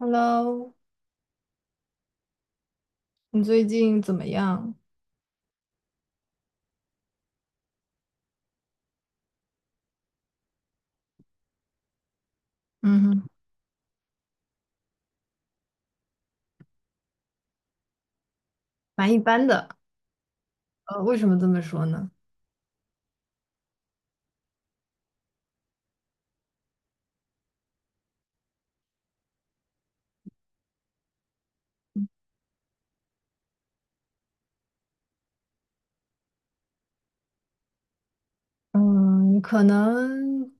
Hello，你最近怎么样？嗯哼，蛮一般的。为什么这么说呢？嗯，可能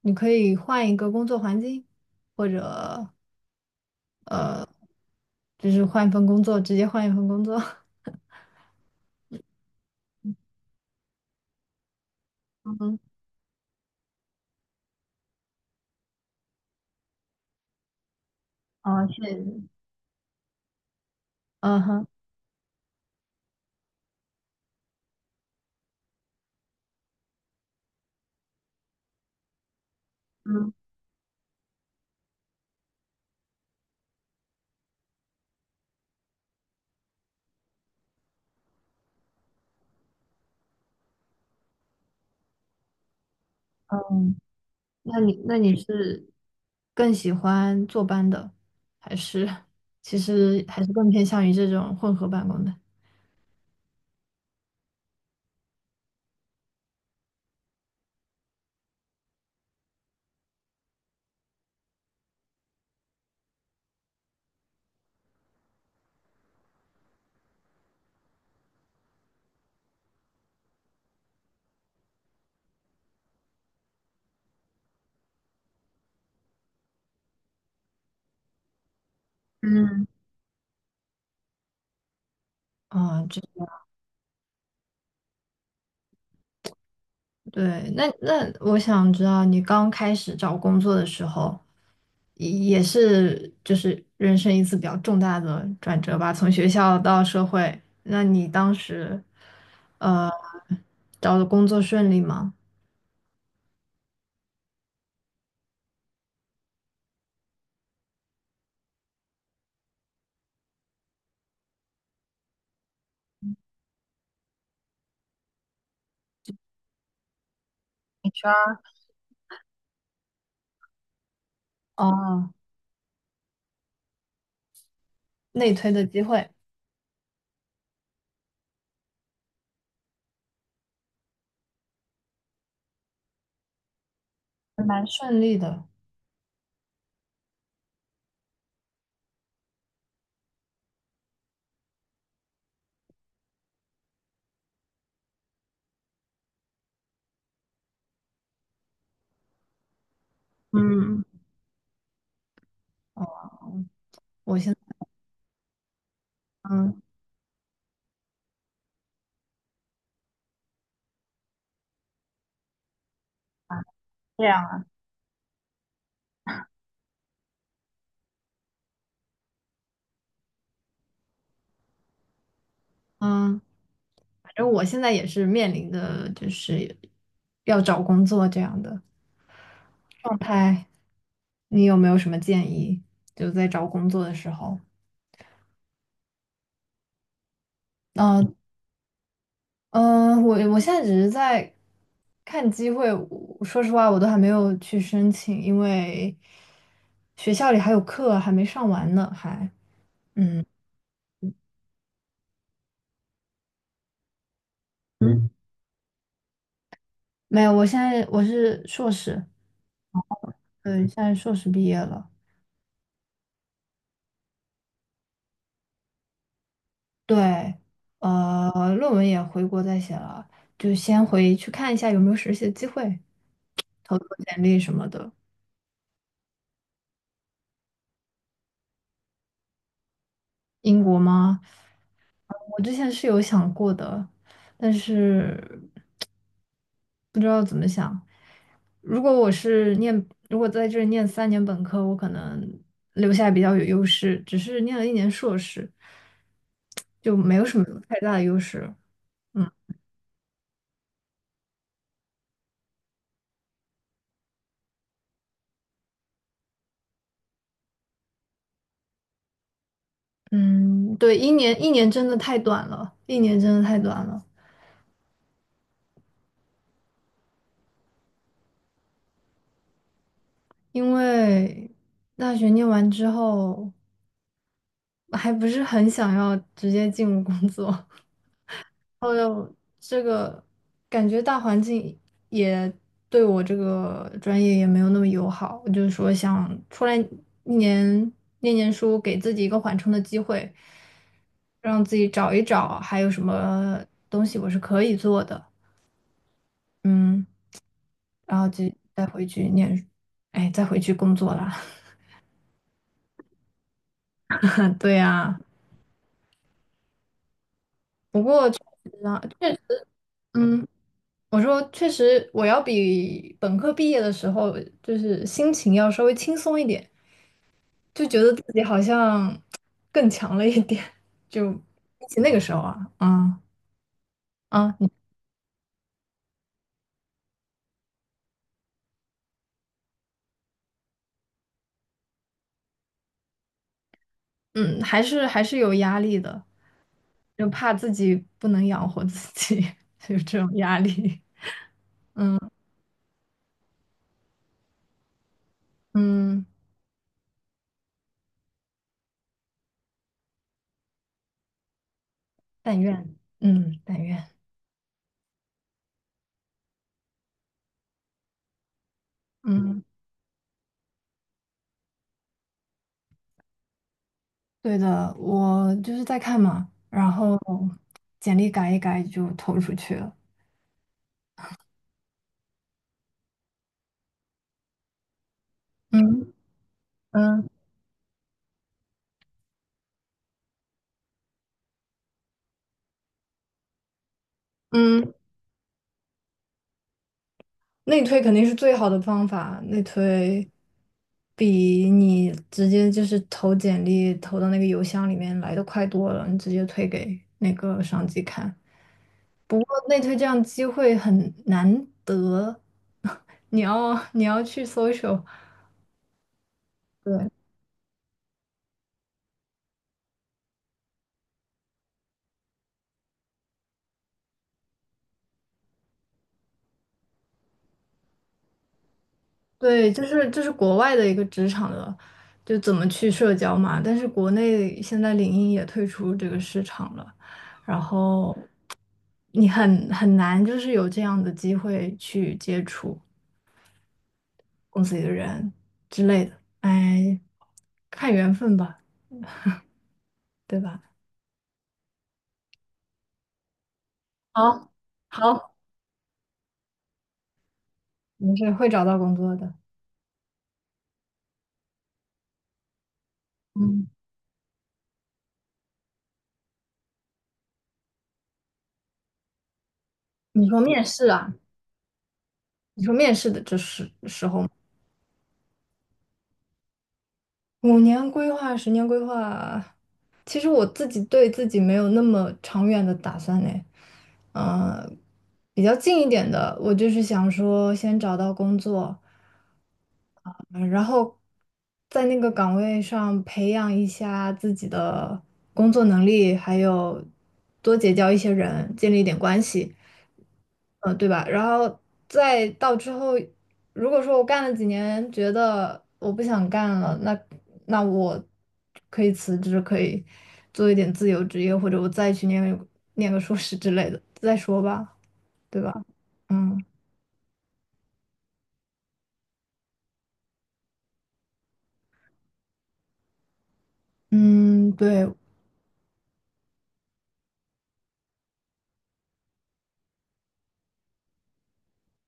你可以换一个工作环境，或者就是换一份工作，直接换一份工作。嗯，哼，哦，是，嗯哼，嗯，嗯，那你是更喜欢坐班的，还是其实还是更偏向于这种混合办公的？嗯，啊、这。对，那我想知道，你刚开始找工作的时候，也是就是人生一次比较重大的转折吧，从学校到社会。那你当时，呃，找的工作顺利吗？HR，哦，内推的机会还蛮顺利的。嗯，哦，我现在嗯这样啊，嗯，反正我现在也是面临的就是要找工作这样的状态。你有没有什么建议？就在找工作的时候，嗯嗯，我现在只是在看机会。我说实话，我都还没有去申请，因为学校里还有课还没上完呢，还嗯嗯，没有。我现在我是硕士，对，现在硕士毕业了，对，论文也回国再写了，就先回去看一下有没有实习的机会，投投简历什么的。英国吗？嗯我之前是有想过的，但是 不知道怎么想。如果我是念，如果在这里念3年本科，我可能留下比较有优势，只是念了一年硕士，就没有什么太大的优势。嗯嗯，对，一年一年真的太短了，一年真的太短了，因为大学念完之后，还不是很想要直接进入工作。哦又这个感觉大环境也对我这个专业也没有那么友好，我就是说想出来一年念念书，给自己一个缓冲的机会，让自己找一找还有什么东西我是可以做的，嗯，然后就再回去念，哎，再回去工作啦。对呀，不过确实啊，确实嗯。我说，确实，我要比本科毕业的时候，就是心情要稍微轻松一点。就觉得自己好像更强了一点，就比起那个时候啊，嗯啊，你嗯，还是有压力的，就怕自己不能养活自己，有这种压力。嗯，但愿，嗯，但愿，嗯，对的，我就是在看嘛，然后简历改一改就投出去了。嗯嗯嗯。内推肯定是最好的方法，内推比你直接就是投简历投到那个邮箱里面来的快多了，你直接推给那个上级看。不过内推这样机会很难得，你要去搜一 c i 对，对，就是国外的一个职场的，就怎么去社交嘛。但是国内现在领英也退出这个市场了，然后你很难就是有这样的机会去接触公司里的人之类的。哎，看缘分吧，对吧？好，好，没事，会找到工作的。嗯，你说面试啊？你说面试的这时候。5年规划、10年规划，其实我自己对自己没有那么长远的打算嘞。呃，比较近一点的，我就是想说先找到工作，嗯然后在那个岗位上培养一下自己的工作能力，还有多结交一些人，建立一点关系。嗯，对吧？然后再到之后，如果说我干了几年，觉得我不想干了，那我可以辞职，可以做一点自由职业，或者我再去念个硕士之类的，再说吧，对吧？嗯嗯，对，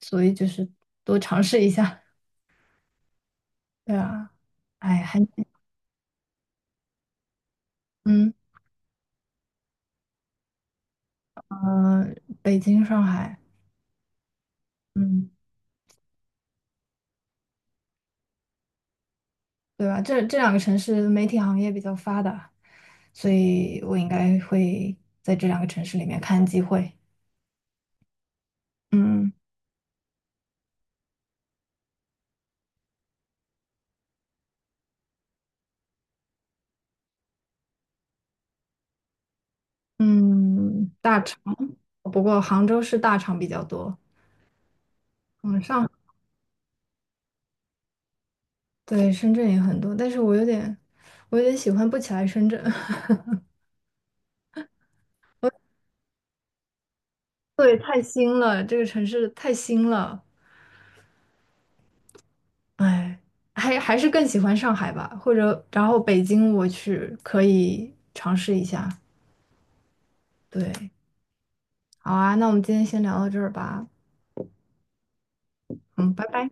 所以就是多尝试一下，对啊，哎，还嗯嗯、北京、上海，嗯。对吧？这两个城市媒体行业比较发达，所以我应该会在这两个城市里面看机会。嗯嗯，大厂，不过杭州是大厂比较多。嗯，上，对，深圳也很多，但是我有点喜欢不起来深圳。对，太新了，这个城市太新了。哎，还是更喜欢上海吧，或者然后北京我去可以尝试一下。对，好啊，那我们今天先聊到这儿吧。嗯，拜拜。